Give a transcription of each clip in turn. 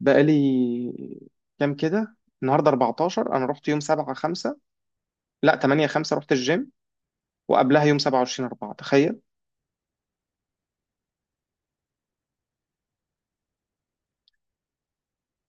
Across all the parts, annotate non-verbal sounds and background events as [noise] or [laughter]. بقالي كام كده، النهارده 14. انا رحت يوم 7 5، لا 8 5، رحت الجيم. وقبلها يوم 27 4، تخيل.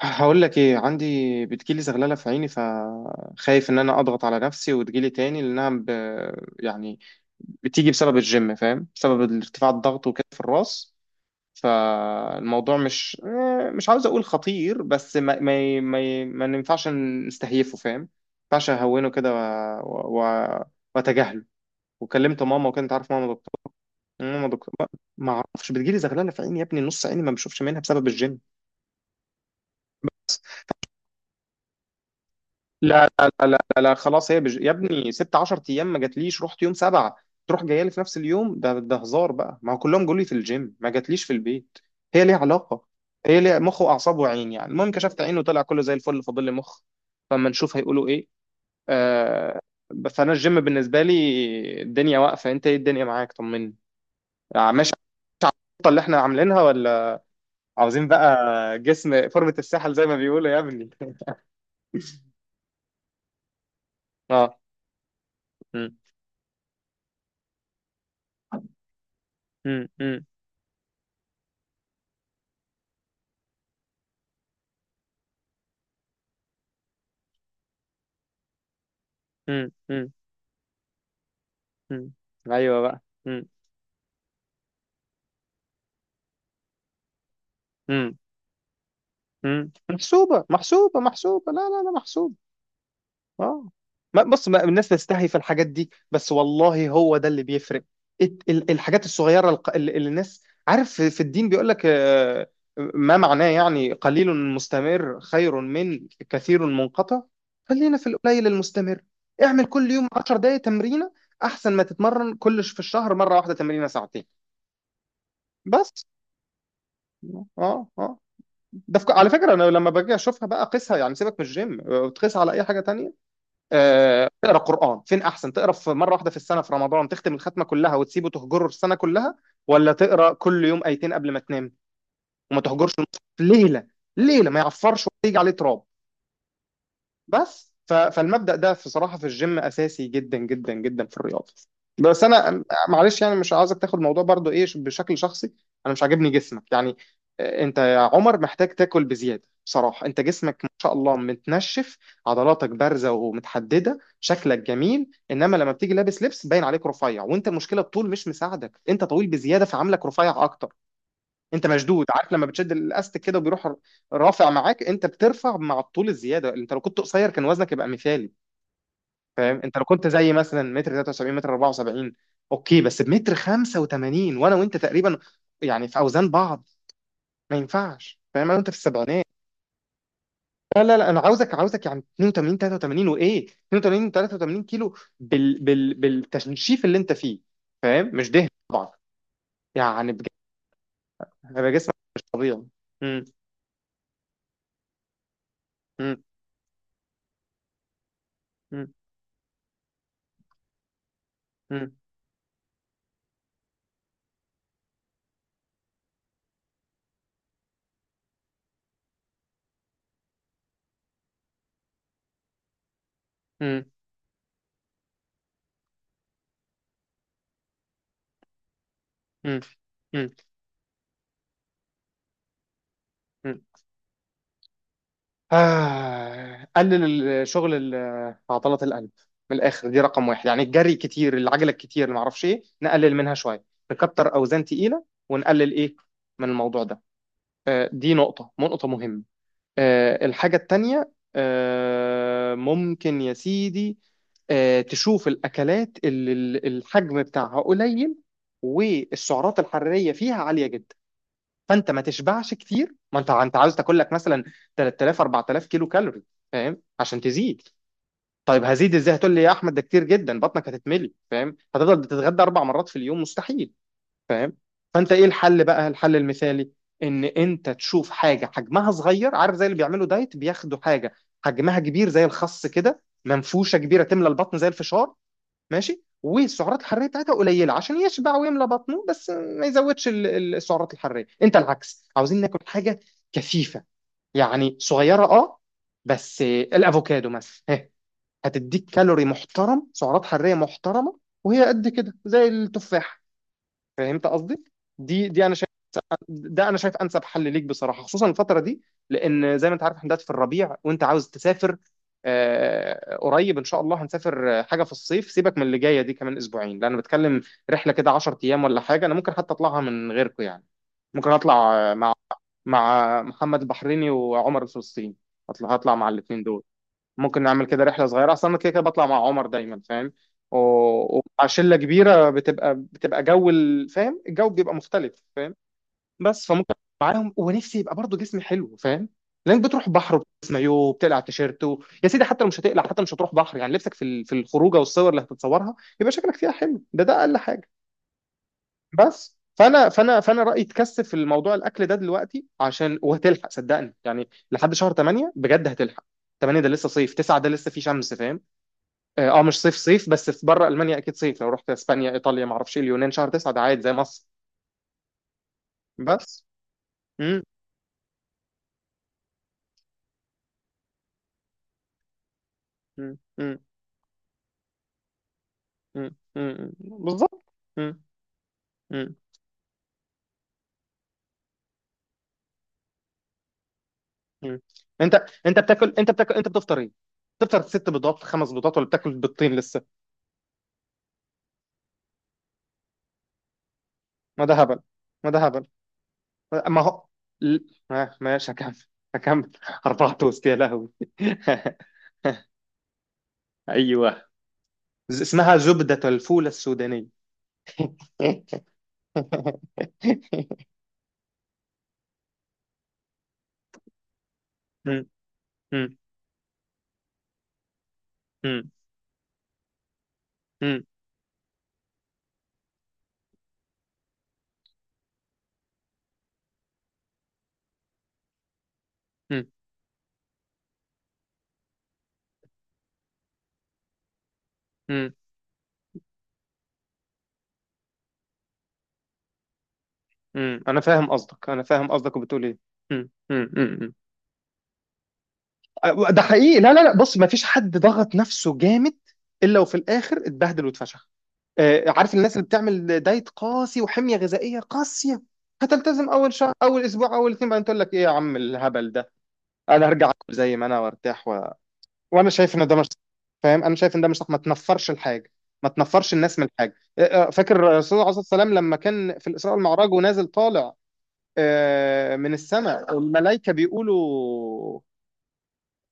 هقول لك ايه عندي. بتجيلي زغلله في عيني، فخايف ان انا اضغط على نفسي وتجيلي تاني. يعني بتيجي بسبب الجيم، فاهم، بسبب ارتفاع الضغط وكده في الراس. فالموضوع مش مش عاوز اقول خطير، بس ما ينفعش نستهيفه، فاهم، ما ينفعش اهونه كده. و... و... واتجاهله. وكلمت ماما، وكانت عارف ماما دكتور. ماما دكتور، ما اعرفش، بتجيلي زغلله في عيني، يا ابني نص عيني ما بشوفش منها بسبب الجيم. لا لا لا لا، لا، لا، خلاص. يا ابني ست 10 ايام ما جاتليش، رحت يوم 7 تروح جايه لي في نفس اليوم. ده هزار بقى، ما هو كلهم جولي في الجيم، ما جاتليش في البيت. هي ليها علاقه. هي ليها مخ واعصاب وعين، يعني المهم كشفت عينه وطلع كله زي الفل، فاضل لي مخ. فما نشوف هيقولوا ايه آه... فانا الجيم بالنسبه لي الدنيا واقفه. انت ايه الدنيا معاك، طمني. ماشي، الخطه اللي احنا عاملينها ولا عاوزين بقى جسم فورمة الساحل زي ما بيقولوا يا ابني. اه. مم. مم. مم. مم. مم. مم. ايوه بقى. مم. مم. مم. محسوبة محسوبة محسوبة، لا لا لا، محسوبة. اه، ما بص، ما الناس تستحي في الحاجات دي، بس والله هو ده اللي بيفرق. الحاجات الصغيره، اللي الناس، عارف، في الدين بيقول لك ما معناه، يعني قليل مستمر خير من كثير منقطع. خلينا في القليل المستمر. اعمل كل يوم 10 دقائق تمرينه، احسن ما تتمرن كل في الشهر مره واحده تمرينه ساعتين بس. اه اه آه. على فكره، انا لما باجي اشوفها بقى قيسها، يعني سيبك من الجيم، تقيسها على اي حاجه تانية. تقرا قران فين احسن، تقرا في مره واحده في السنه في رمضان تختم الختمه كلها وتسيبه تهجره السنه كلها، ولا تقرا كل يوم ايتين قبل ما تنام وما تهجرش النص؟ في ليله، ليله ما يعفرش ولا يجي عليه تراب. بس، فالمبدأ ده في صراحة في الجيم أساسي جدا جدا جدا في الرياضة. بس أنا، معلش، يعني مش عايزك تاخد الموضوع برضو إيه بشكل شخصي. أنا مش عاجبني جسمك يعني. أنت يا عمر محتاج تاكل بزيادة، بصراحة أنت جسمك ما شاء الله متنشف، عضلاتك بارزة ومتحددة، شكلك جميل. إنما لما بتيجي لابس لبس باين عليك رفيع، وأنت المشكلة الطول مش مساعدك، أنت طويل بزيادة فعاملك رفيع أكتر. انت مشدود، عارف لما بتشد الاستك كده وبيروح، رافع معاك، انت بترفع مع الطول الزياده. انت لو كنت قصير كان وزنك يبقى مثالي، فاهم. انت لو كنت زي مثلا متر 73 متر 74 اوكي، بس بمتر 85، وانا وانت تقريبا يعني في اوزان بعض، ما ينفعش، فاهم. انا وانت في السبعينات، لا لا لا، انا عاوزك عاوزك يعني 82 83، وايه 82 83 كيلو بال بال بالتنشيف اللي انت فيه، فاهم، مش دهن طبعا يعني، بجد هيبقى جسمك مش طبيعي. امم امم امم مم. مم. مم. قلل الشغل عضلة القلب، من الآخر، دي رقم واحد. يعني الجري كتير، العجلة الكتير، اللي معرفش إيه، نقلل منها شوية، نكتر أوزان تقيلة ونقلل إيه من الموضوع ده. دي نقطة مهمة. الحاجة التانية، ممكن يا سيدي، تشوف الأكلات اللي الحجم بتاعها قليل والسعرات الحرارية فيها عالية جدا. فانت ما تشبعش كتير، ما انت عاوز تاكل لك مثلا 3000 4000 كيلو كالوري، فاهم، عشان تزيد. طيب هزيد ازاي هتقول لي، يا احمد ده كتير جدا، بطنك هتتملي، فاهم، هتفضل تتغدى 4 مرات في اليوم، مستحيل، فاهم. فانت ايه الحل بقى، الحل المثالي ان انت تشوف حاجه حجمها صغير، عارف زي اللي بيعملوا دايت بياخدوا حاجه حجمها كبير زي الخس كده، منفوشه كبيره تملى البطن زي الفشار، ماشي، والسعرات الحراريه بتاعتها قليله عشان يشبع ويملى بطنه بس ما يزودش السعرات الحراريه. انت العكس، عاوزين ناكل حاجه كثيفه يعني صغيره، اه، بس، الافوكادو مثلا، هتديك كالوري محترم، سعرات حراريه محترمه، وهي قد كده زي التفاح. فهمت قصدي. دي انا، ده انا شايف انسب حل ليك بصراحه خصوصا الفتره دي، لان زي ما انت عارف احنا دلوقتي في الربيع وانت عاوز تسافر. قريب ان شاء الله هنسافر حاجه في الصيف. سيبك من اللي جايه دي كمان اسبوعين، لان انا بتكلم رحله كده 10 ايام ولا حاجه، انا ممكن حتى اطلعها من غيركم يعني. ممكن اطلع مع محمد البحريني وعمر الفلسطيني، هطلع مع الاثنين دول. ممكن نعمل كده رحله صغيره، اصلا انا كده كده بطلع مع عمر دايما، فاهم، ومع شله كبيره بتبقى جو فاهم، الجو بيبقى مختلف، فاهم. بس فممكن معاهم، ونفسي يبقى برضه جسمي حلو، فاهم، لانك بتروح بحر وبتلبس مايو وبتقلع على التيشيرت. يا سيدي حتى لو مش هتقلع، حتى مش هتروح بحر يعني، لبسك في في الخروجه والصور اللي هتتصورها يبقى شكلك فيها حلو، ده اقل حاجه. بس فانا رايي تكثف في الموضوع الاكل ده دلوقتي، عشان وهتلحق، صدقني يعني لحد شهر 8 بجد هتلحق. 8 ده لسه صيف، 9 ده لسه فيه شمس، فاهم. مش صيف صيف، بس في بره المانيا اكيد صيف، لو رحت اسبانيا ايطاليا ما اعرفش إيه، اليونان، شهر 9 ده عادي زي مصر. بس. امم. مم. مم. بالظبط. مم. مم. مم. انت انت انت بتفطر ايه؟ بتفطر 6 بيضات، 5 بيضات، ولا بتاكل بيضتين لسه؟ ما ده هبل، ما ده هبل. ما هو، ل- ماشي هكمل. [laughs] 4 توست يا لهوي. [laughs] ايوه. اسمها زبدة الفول السودانية. [laughs] مم. مم. مم. مم. مم. مم. انا فاهم قصدك، انا فاهم قصدك، وبتقول ايه. مم. مم. مم. ده حقيقي، لا لا لا، بص، ما فيش حد ضغط نفسه جامد الا وفي الاخر اتبهدل واتفشخ. عارف الناس اللي بتعمل دايت قاسي وحميه غذائيه قاسيه، هتلتزم اول شهر، اول اسبوع، اول اتنين، بعدين تقول لك ايه يا عم الهبل ده، انا هرجع اكل زي ما انا وارتاح. وانا شايف ان ده مش صح، فاهم. انا شايف ان ده مش صح، ما تنفرش الحاجه، ما تنفرش الناس من الحاجه. آه، فاكر الرسول عليه الصلاه والسلام لما كان في الاسراء والمعراج ونازل طالع من السماء، الملائكه بيقولوا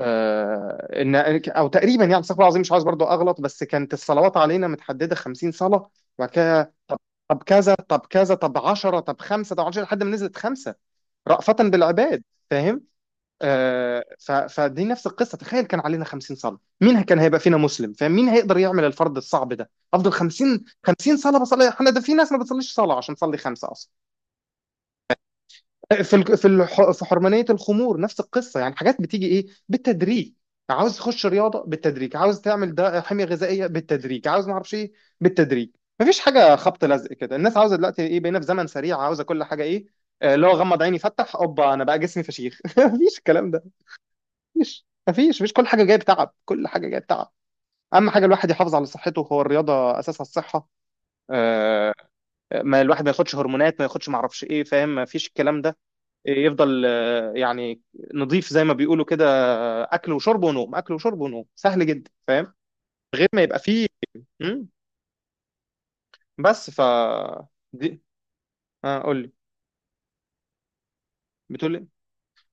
ان، او تقريبا يعني، استغفر الله العظيم مش عايز برضو اغلط، بس كانت الصلوات علينا متحدده 50 صلاه، وبعد كده طب، طب كذا، طب كذا، طب 10، طب 5، طب 10، لحد ما نزلت 5، رأفة بالعباد، فاهم. فدي نفس القصه، تخيل كان علينا 50 صلاه، مين كان هيبقى فينا مسلم، فاهم، مين هيقدر يعمل الفرض الصعب ده. افضل 50 صلاه بصلي احنا، ده في ناس ما بتصليش صلاه عشان تصلي 5 اصلا. في في حرمانيه الخمور نفس القصه، يعني حاجات بتيجي ايه، بالتدريج. عاوز تخش رياضه بالتدريج، عاوز تعمل ده حميه غذائيه بالتدريج، عاوز ما اعرفش ايه بالتدريج. مفيش حاجه خبط لزق كده، الناس عاوزه دلوقتي ايه، بقينا في زمن سريع، عاوزه كل حاجه ايه، اللي هو غمض عيني فتح اوبا انا بقى جسمي فشيخ. [laughs] مفيش الكلام ده. مفيش مفيش مفيش، كل حاجه جايه بتعب، كل حاجه جايه بتعب. اهم حاجه الواحد يحافظ على صحته، هو الرياضه اساسها الصحه. آه، ما الواحد ما ياخدش هرمونات، ما ياخدش ما اعرفش ايه، فاهم، مفيش الكلام ده. يفضل يعني نضيف زي ما بيقولوا كده، اكل وشرب ونوم، اكل وشرب ونوم، سهل جدا، فاهم، غير ما يبقى فيه. مم. بس دي، قول لي. بتقول لي،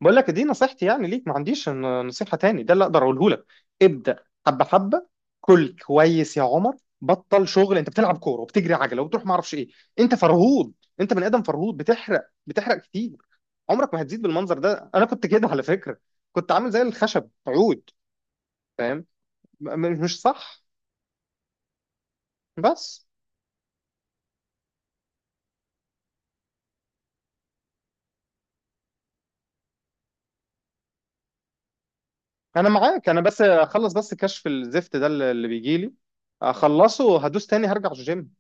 بقول لك دي نصيحتي يعني ليك، ما عنديش نصيحة تاني، ده اللي اقدر اقوله لك. ابدأ حبة حبة، كل كويس يا عمر، بطل شغل انت بتلعب كورة وبتجري عجلة وبتروح ما اعرفش ايه، انت فرهود، انت بني ادم فرهود، بتحرق بتحرق كتير، عمرك ما هتزيد بالمنظر ده. انا كنت كده على فكرة، كنت عامل زي الخشب عود، فاهم، مش صح. بس انا معاك، انا بس اخلص بس كشف الزفت ده اللي بيجي لي، اخلصه هدوس تاني هرجع الجيم.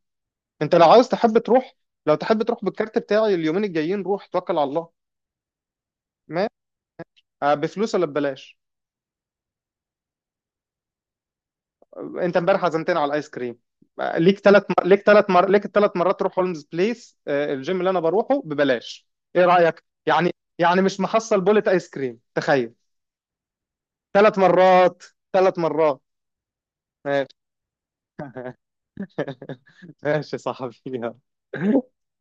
انت لو عاوز تحب تروح، لو تحب تروح بالكارت بتاعي اليومين الجايين، روح توكل على الله. ما بفلوس ولا ببلاش؟ انت امبارح عزمتني على الايس كريم. ليك 3 مرات تروح هولمز بليس، الجيم اللي انا بروحه ببلاش. ايه رأيك يعني مش محصل بولة ايس كريم، تخيل. 3 مرات، 3 مرات. آه، [laughs] ماشي يا صاحبي، يلا. [laughs]